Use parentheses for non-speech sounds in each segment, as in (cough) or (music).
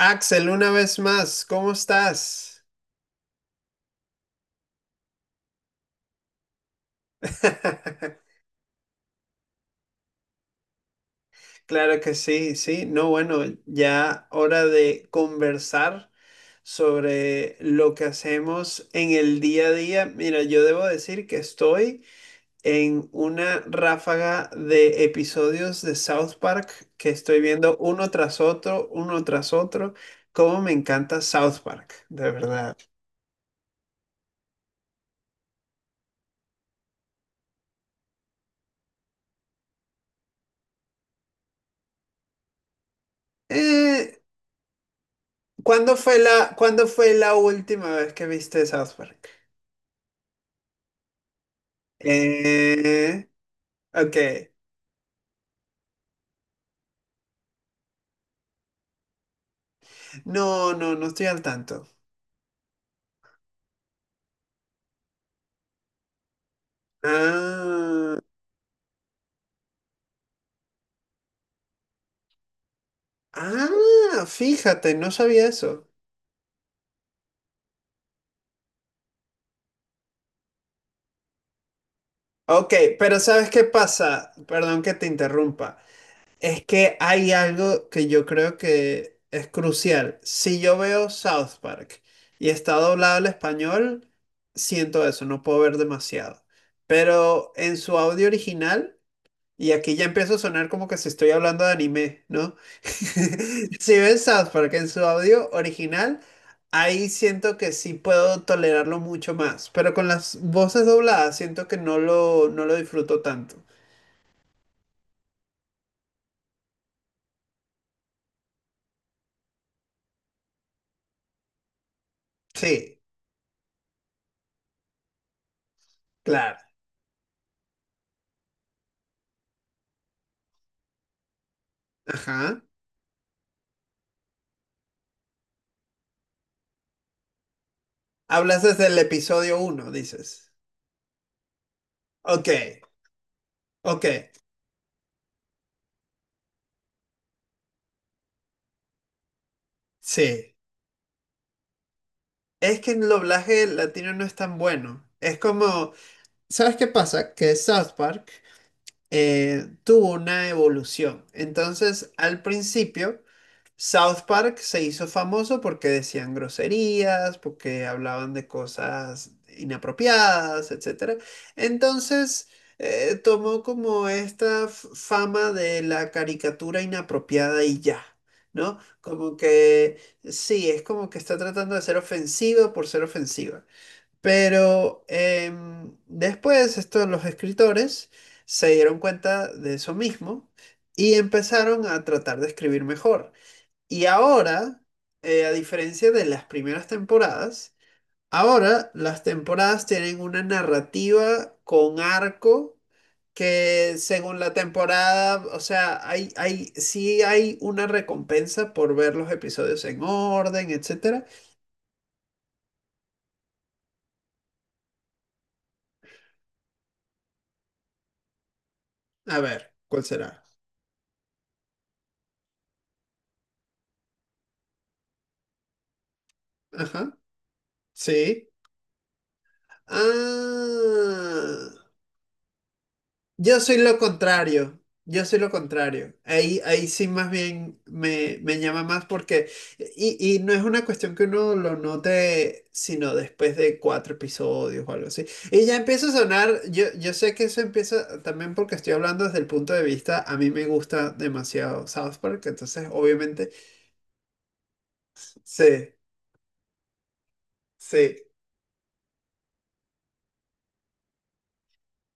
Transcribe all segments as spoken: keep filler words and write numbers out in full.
Axel, una vez más, ¿cómo estás? (laughs) Claro que sí, sí. No, bueno, ya hora de conversar sobre lo que hacemos en el día a día. Mira, yo debo decir que estoy en una ráfaga de episodios de South Park que estoy viendo uno tras otro, uno tras otro. Cómo me encanta South Park, de verdad. Eh, ¿cuándo fue la, cuándo fue la última vez que viste South Park? Eh, ok. No, no, no estoy al tanto. Ah, ah, fíjate, no sabía eso. Ok, pero ¿sabes qué pasa? Perdón que te interrumpa. Es que hay algo que yo creo que es crucial. Si yo veo South Park y está doblado al español, siento eso, no puedo ver demasiado. Pero en su audio original... Y aquí ya empiezo a sonar como que si estoy hablando de anime, ¿no? (laughs) Si ves South Park en su audio original, ahí siento que sí puedo tolerarlo mucho más, pero con las voces dobladas siento que no lo, no lo disfruto tanto. Sí, claro. Ajá. Hablas desde el episodio uno, dices. Ok, ok, sí. Es que el doblaje latino no es tan bueno. Es como, ¿sabes qué pasa? Que South Park eh, tuvo una evolución. Entonces, al principio, South Park se hizo famoso porque decían groserías, porque hablaban de cosas inapropiadas, etcétera. Entonces, eh, tomó como esta f- fama de la caricatura inapropiada y ya. ¿No? Como que sí, es como que está tratando de ser ofensiva por ser ofensiva. Pero em, después estos, los escritores se dieron cuenta de eso mismo y empezaron a tratar de escribir mejor. Y ahora, eh, a diferencia de las primeras temporadas, ahora las temporadas tienen una narrativa con arco que según la temporada, o sea, hay, hay, sí hay una recompensa por ver los episodios en orden, etcétera. A ver, ¿cuál será? Ajá, sí. Ah, yo soy lo contrario. Yo soy lo contrario. Ahí, ahí sí más bien me, me llama más porque, y, y no es una cuestión que uno lo note, sino después de cuatro episodios o algo así. Y ya empieza a sonar, yo, yo sé que eso empieza también porque estoy hablando desde el punto de vista, a mí me gusta demasiado South Park, entonces obviamente, sí, sí,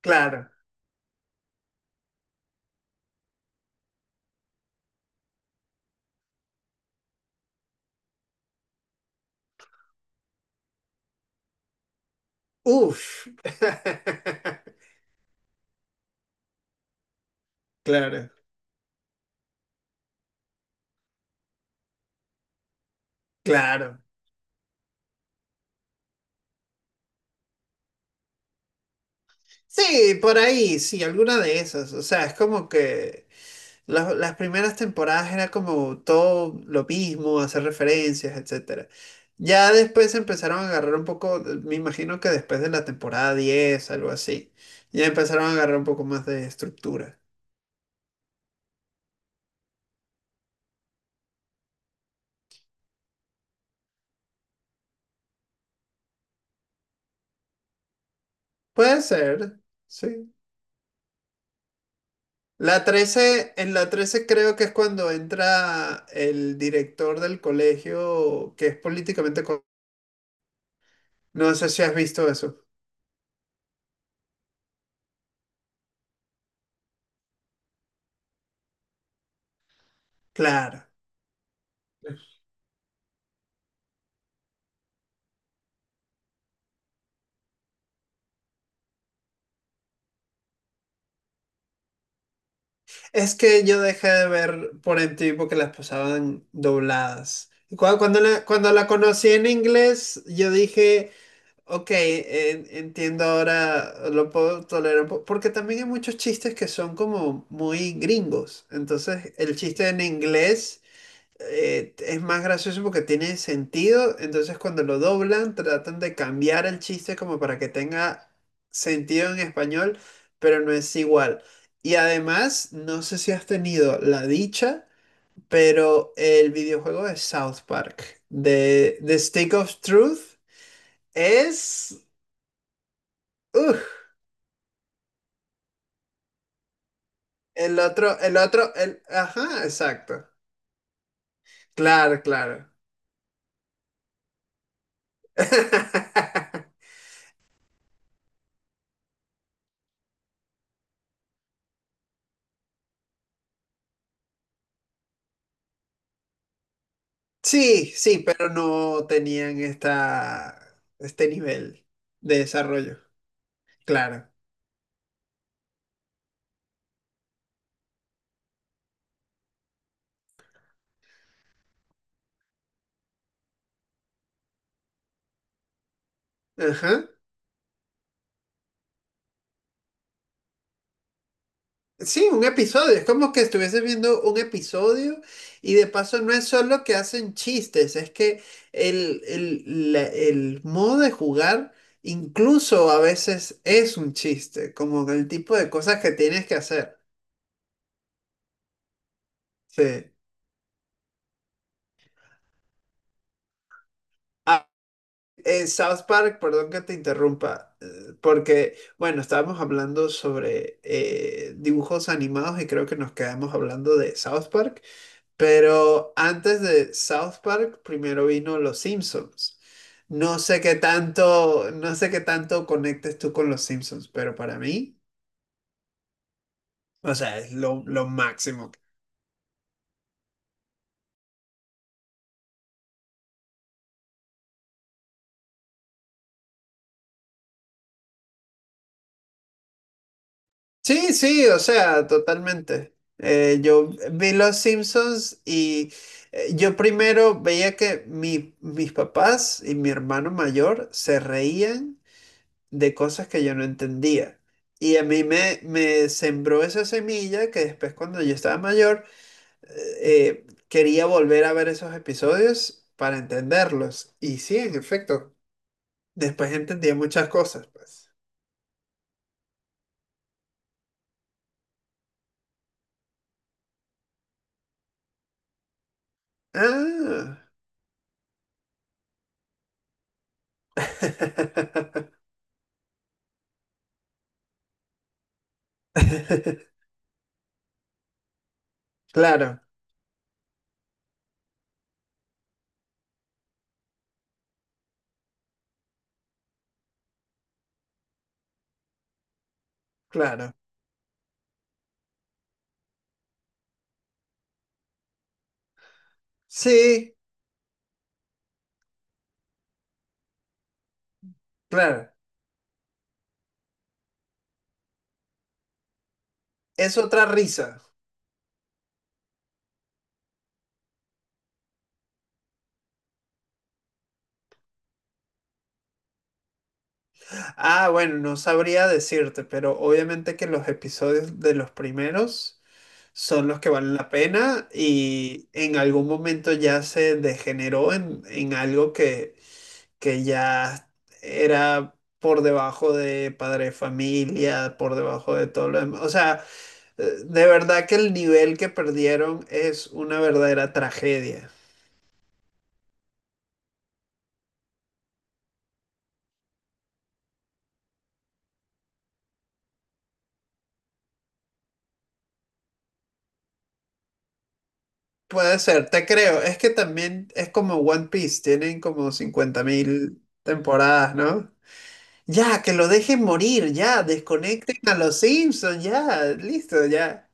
claro. Uf. (laughs) Claro, claro. Sí, por ahí, sí, alguna de esas. O sea, es como que las, las primeras temporadas era como todo lo mismo, hacer referencias, etcétera. Ya después empezaron a agarrar un poco, me imagino que después de la temporada diez, algo así, ya empezaron a agarrar un poco más de estructura. Puede ser, sí. La trece, en la trece creo que es cuando entra el director del colegio que es políticamente... co- No sé si has visto eso. Claro. Es que yo dejé de ver por M T V porque las pasaban dobladas. Y cua- cuando, la, cuando la conocí en inglés, yo dije, ok, en- entiendo ahora, lo puedo tolerar. un po-". Porque también hay muchos chistes que son como muy gringos. Entonces, el chiste en inglés eh, es más gracioso porque tiene sentido, entonces cuando lo doblan tratan de cambiar el chiste como para que tenga sentido en español, pero no es igual. Y además, no sé si has tenido la dicha, pero el videojuego de South Park, de The Stick of Truth, es... uf, el otro, el otro, el... Ajá, exacto. Claro, claro. (laughs) Sí, sí, pero no tenían esta, este nivel de desarrollo. Claro. Ajá. Sí, un episodio. Es como que estuviese viendo un episodio y de paso no es solo que hacen chistes, es que el, el, la- el modo de jugar incluso a veces es un chiste, como el tipo de cosas que tienes que hacer. Sí. Eh, South Park, perdón que te interrumpa, eh, porque, bueno, estábamos hablando sobre eh, dibujos animados y creo que nos quedamos hablando de South Park, pero antes de South Park, primero vino Los Simpsons. No sé qué tanto, no sé qué tanto conectes tú con Los Simpsons, pero para mí, o sea, es lo, lo máximo. Sí, sí, o sea, totalmente. Eh, yo vi Los Simpsons y eh, yo primero veía que mi- mis papás y mi hermano mayor se reían de cosas que yo no entendía. Y a mí me, me sembró esa semilla que después cuando yo estaba mayor eh, quería volver a ver esos episodios para entenderlos. Y sí, en efecto, después entendía muchas cosas, pues. Ah. (laughs) (laughs) Claro. Claro. Sí, claro. Es otra risa. Ah, bueno, no sabría decirte, pero obviamente que los episodios de los primeros son los que valen la pena y en algún momento ya se degeneró en, en algo que, que ya era por debajo de padre de familia, por debajo de todo lo demás. O sea, eh, de verdad que el nivel que perdieron es una verdadera tragedia. Puede ser, te creo. Es que también es como One Piece, tienen como cincuenta mil temporadas, ¿no? Ya, que lo dejen morir, ya, desconecten a los Simpsons, ya, listo, ya.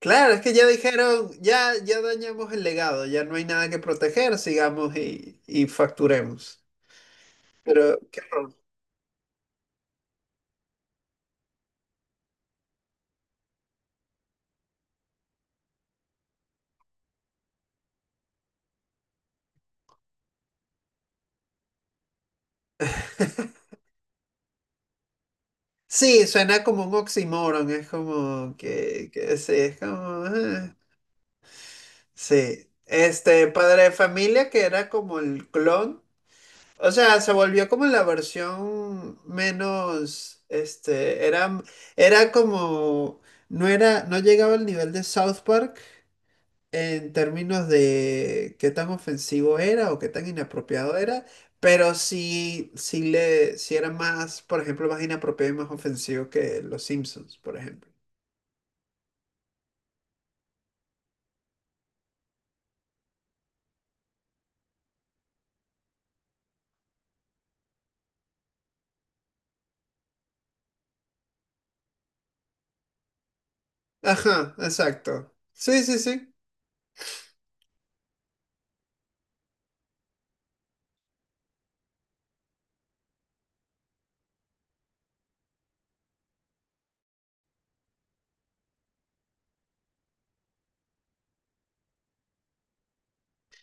Claro, es que ya dijeron, ya, ya dañamos el legado, ya no hay nada que proteger, sigamos y, y facturemos. Pero, qué horror. Sí, suena como un oxímoron, es como que, que sí, es como... ah. Sí, este padre de familia que era como el clon. O sea, se volvió como la versión menos, este, era, era como, no era, no llegaba al nivel de South Park en términos de qué tan ofensivo era o qué tan inapropiado era, pero sí, sí le, sí era más, por ejemplo, más inapropiado y más ofensivo que Los Simpsons, por ejemplo. Ajá, exacto. Sí, sí, sí.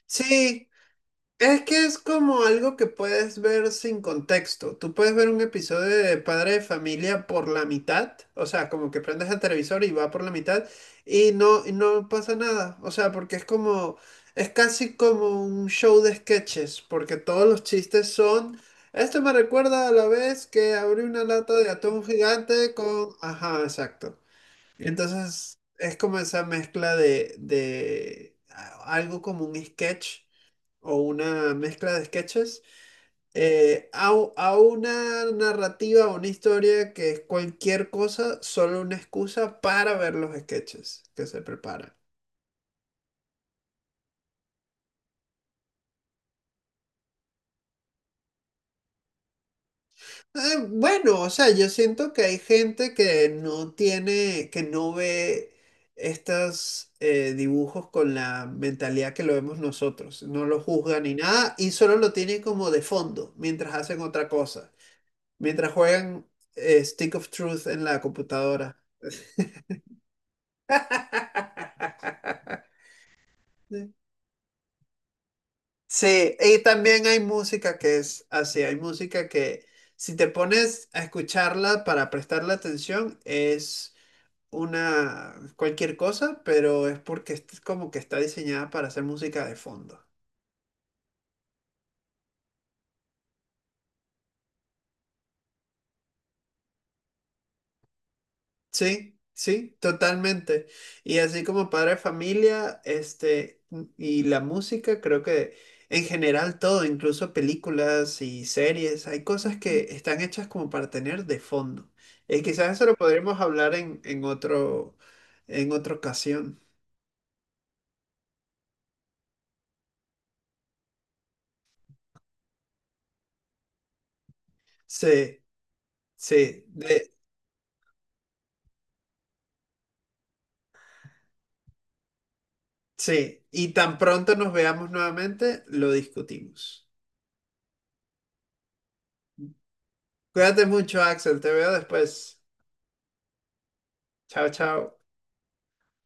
Sí, es que es como algo que puedes ver sin contexto. Tú puedes ver un episodio de Padre de Familia por la mitad, o sea, como que prendes el televisor y va por la mitad y no, y no pasa nada. O sea, porque es como, es casi como un show de sketches, porque todos los chistes son, esto me recuerda a la vez que abrí una lata de atún gigante con, ajá, exacto. Entonces, es como esa mezcla de, de algo como un sketch o una mezcla de sketches eh, a, a una narrativa, o una historia que es cualquier cosa, solo una excusa para ver los sketches que se preparan. Eh, bueno, o sea, yo siento que hay gente que no tiene, que no ve estos eh, dibujos con la mentalidad que lo vemos nosotros, no lo juzga ni nada y solo lo tiene como de fondo mientras hacen otra cosa, mientras juegan eh, Stick of Truth en la computadora. (laughs) Sí, y también hay música que es así, hay música que si te pones a escucharla para prestarle atención es una cualquier cosa, pero es porque es como que está diseñada para hacer música de fondo. Sí, sí, totalmente. Y así como padre de familia, este, y la música, creo que en general todo, incluso películas y series, hay cosas que están hechas como para tener de fondo. Y quizás eso lo podremos hablar en, en otro, en otra ocasión. Sí, sí, de- sí. Y tan pronto nos veamos nuevamente, lo discutimos. Cuídate mucho, Axel. Te veo después. Chao, chao.